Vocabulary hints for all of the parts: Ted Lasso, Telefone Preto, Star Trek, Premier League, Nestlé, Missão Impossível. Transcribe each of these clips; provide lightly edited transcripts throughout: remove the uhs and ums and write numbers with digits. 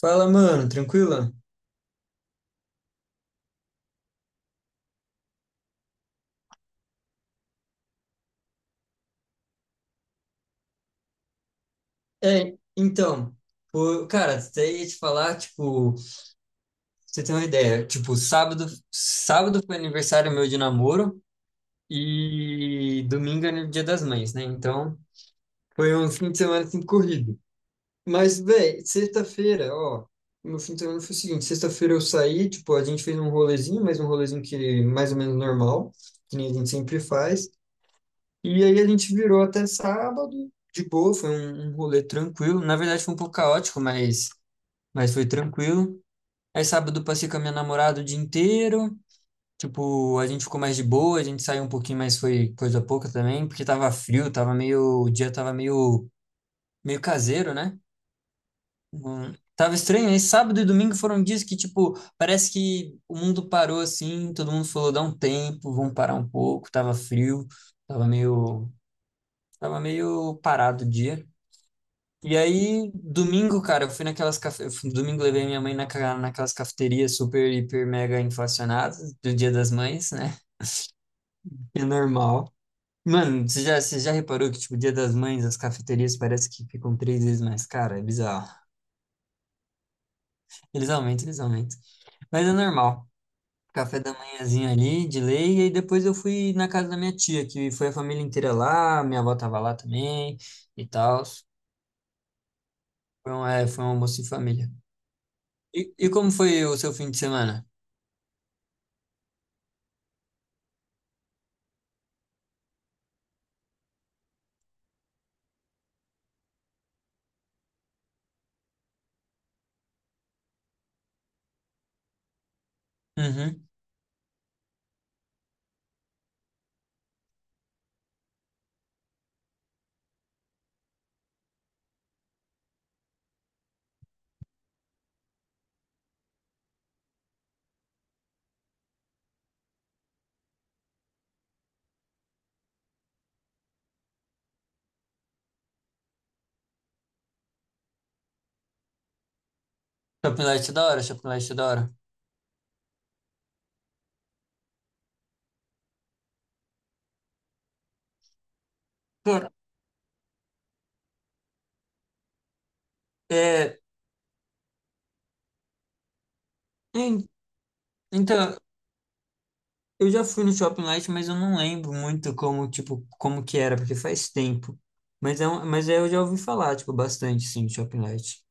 Fala, mano, tranquila? É, então, pô, cara, até ia te falar, tipo, pra você tem uma ideia, tipo, sábado foi aniversário meu de namoro e domingo é o Dia das Mães, né? Então, foi um fim de semana assim corrido. Mas, véi, sexta-feira, ó, meu fim de semana foi o seguinte, sexta-feira eu saí, tipo, a gente fez um rolezinho, mas um rolezinho que é mais ou menos normal, que nem a gente sempre faz. E aí a gente virou até sábado, de boa, foi um rolê tranquilo. Na verdade foi um pouco caótico, mas foi tranquilo. Aí sábado eu passei com a minha namorada o dia inteiro. Tipo, a gente ficou mais de boa, a gente saiu um pouquinho, mas foi coisa pouca também, porque tava frio, tava meio, o dia tava meio caseiro, né? Tava estranho. Aí sábado e domingo foram dias que, tipo, parece que o mundo parou assim, todo mundo falou, dá um tempo, vamos parar um pouco, tava frio, tava meio, tava meio parado o dia. E aí, domingo, cara, eu fui naquelas cafe... eu fui- domingo levei minha mãe naquelas cafeterias super, hiper, mega inflacionadas do Dia das Mães, né? É normal. Mano, você já reparou que, tipo, Dia das Mães, as cafeterias parece que ficam três vezes mais cara? É bizarro. Eles aumentam, eles aumentam. Mas é normal. Café da manhãzinho ali, de lei, e aí depois eu fui na casa da minha tia, que foi a família inteira lá, minha avó tava lá também e tal. Foi um almoço em família. E como foi o seu fim de semana? Uhum. Shopping Light é da hora, Shopping Light é da hora. Cara, é, en- então, eu já fui no Shopping Light, mas eu não lembro muito como, tipo, como que era, porque faz tempo. Mas, é, eu já ouvi falar, tipo, bastante, sim, do Shopping Light.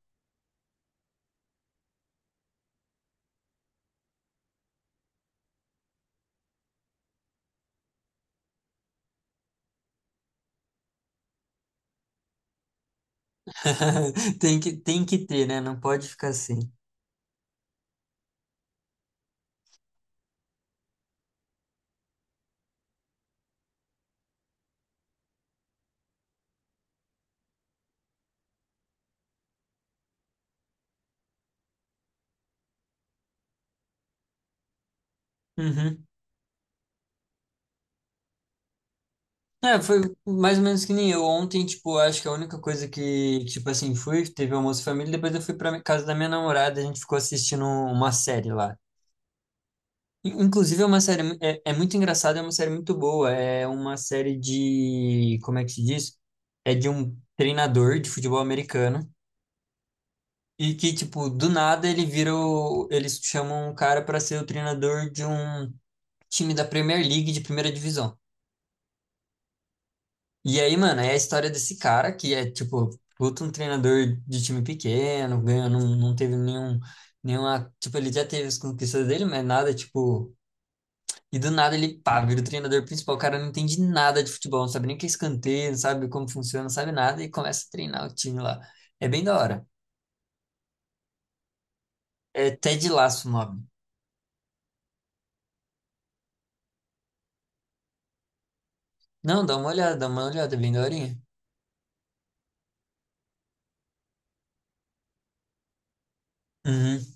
Tem que ter, né? Não pode ficar sem. Uhum. É, foi mais ou menos que nem eu. Ontem, tipo, acho que a única coisa que, tipo assim, fui, teve almoço de família, depois eu fui pra casa da minha namorada, a gente ficou assistindo uma série lá. Inclusive, é uma série, é muito engraçada, é uma série muito boa. É uma série de, como é que se diz? É de um treinador de futebol americano e que, tipo, do nada ele vira, eles chamam um cara para ser o treinador de um time da Premier League de primeira divisão. E aí, mano, é a história desse cara que é, tipo, puta um treinador de time pequeno, ganha, não teve nenhuma, tipo, ele já teve as conquistas dele, mas nada, tipo. E do nada ele, pá, vira o treinador principal. O cara não entende nada de futebol, não sabe nem o que é escanteio, não sabe como funciona, não sabe nada e começa a treinar o time lá. É bem da hora. É Ted Lasso o nome. Não, dá uma olhada, é bem daorinha. Uhum.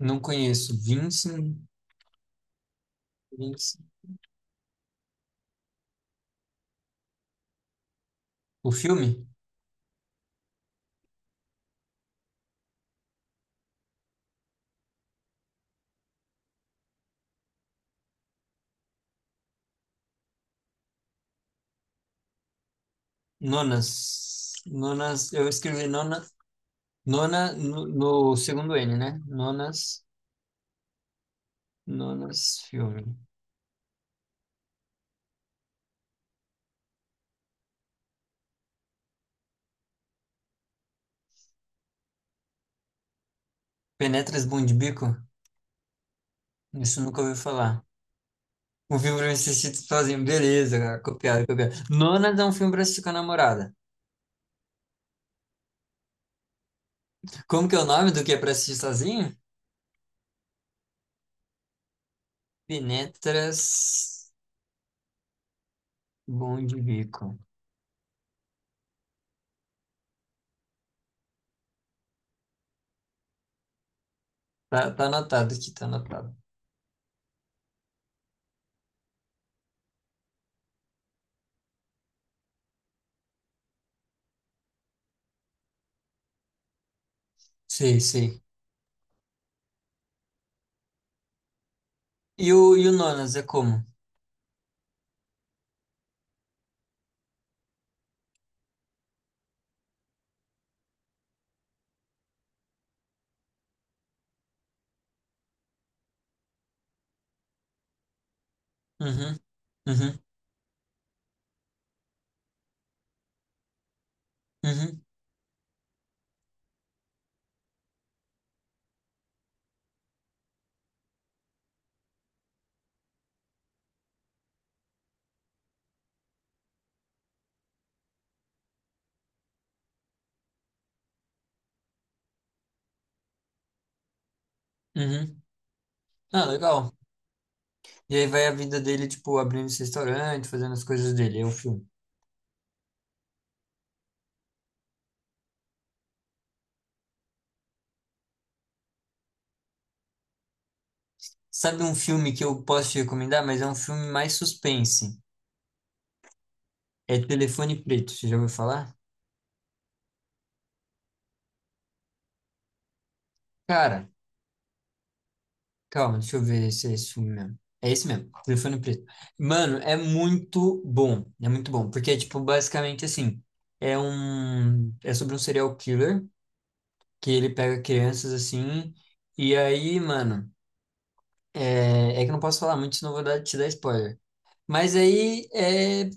Não conheço. Vincent, Vincent. O filme? Nonas. Nonas, eu escrevi Nona, Nona no segundo N, né? Nonas, Nonas filme. Penetras Bom de Bico? Isso eu nunca ouvi falar. Um filme pra me assistir sozinho. Beleza, cara. Copiado, copiado. Nonas é um filme pra assistir com a namorada. Como que é o nome do que é pra assistir sozinho? Penetras Bom de Bico. Tá, tá anotado aqui, tá anotado. Sei, sei. E o Nonas é como? Uhum, uhum, uhum, uhum. Ah, legal. E aí vai a vida dele, tipo, abrindo esse restaurante, fazendo as coisas dele. É o filme. Sabe um filme que eu posso te recomendar, mas é um filme mais suspense? É Telefone Preto, você já ouviu falar? Cara. Calma, deixa eu ver se é esse filme mesmo. É esse mesmo, Telefone Preto. Mano, é muito bom. É muito bom. Porque é, tipo, basicamente assim. É um. É sobre um serial killer que ele pega crianças assim. E aí, mano, é, é que eu não posso falar muito, senão eu vou dar, te dar spoiler. Mas aí é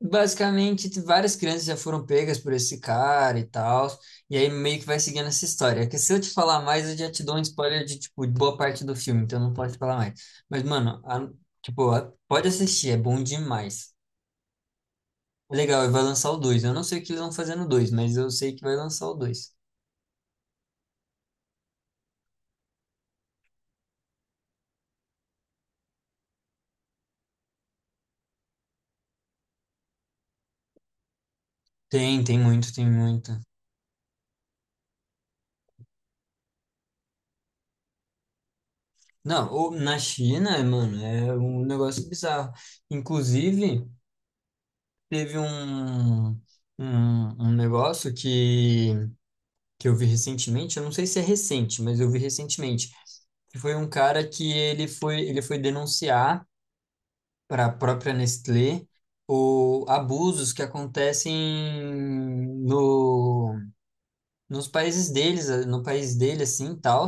basicamente, várias crianças já foram pegas por esse cara e tal, e aí meio que vai seguindo essa história. É que se eu te falar mais, eu já te dou um spoiler de, tipo, de boa parte do filme, então não posso te falar mais. Mas, mano, tipo, pode assistir, é bom demais. É legal, e vai lançar o 2. Eu não sei o que eles vão fazer no 2, mas eu sei que vai lançar o 2. Tem, tem muito, tem muito. Não, ou na China, mano, é um negócio bizarro. Inclusive, teve um negócio que eu vi recentemente, eu não sei se é recente, mas eu vi recentemente, que foi um cara que ele foi denunciar para a própria Nestlé o abusos que acontecem no, nos países deles, no país dele, assim, tal,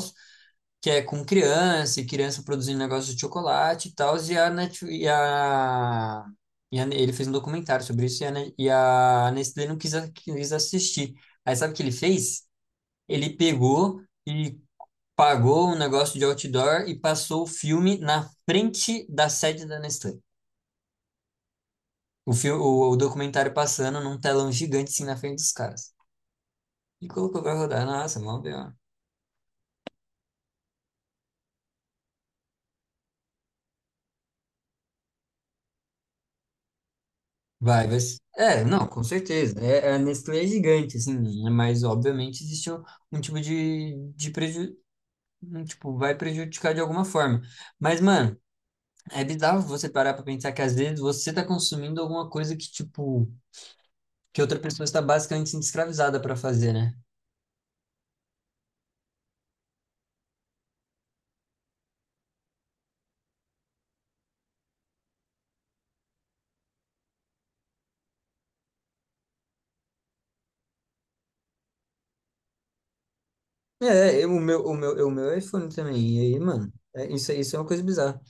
que é com criança, e criança produzindo negócio de chocolate e tal, e a, Net, e a- ele fez um documentário sobre isso e a Nestlé não quis assistir. Aí sabe o que ele fez? Ele pegou e pagou um negócio de outdoor e passou o filme na frente da sede da Nestlé. O documentário passando num telão gigante assim na frente dos caras. E colocou pra rodar. Nossa, mó B.O. Vai, vai. É, não, com certeza. É, a Nestlé é gigante, assim, né? Mas obviamente existe um tipo de, vai prejudicar de alguma forma. Mas, mano, é bizarro você parar pra pensar que às vezes você tá consumindo alguma coisa que, tipo, que outra pessoa está basicamente sendo escravizada pra fazer, né? É, eu- o meu é iPhone também. E aí, mano, é, isso é uma coisa bizarra.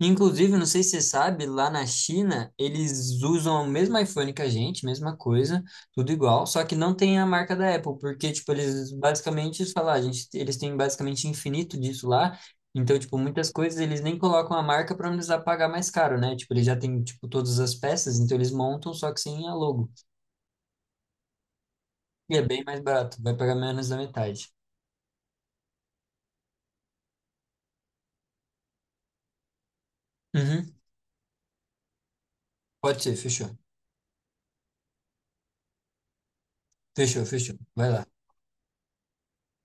Inclusive, não sei se você sabe, lá na China, eles usam o mesmo iPhone que a gente, mesma coisa, tudo igual, só que não tem a marca da Apple, porque, tipo, eles basicamente, eles falam, "Ah, gente, eles têm basicamente infinito disso lá. Então, tipo, muitas coisas eles nem colocam a marca para não precisar pagar mais caro, né? Tipo, eles já têm, tipo, todas as peças, então eles montam, só que sem a logo. E é bem mais barato, vai pagar menos da metade. Uhum. Pode ser, fechou. Fechou, fechou. Vai lá.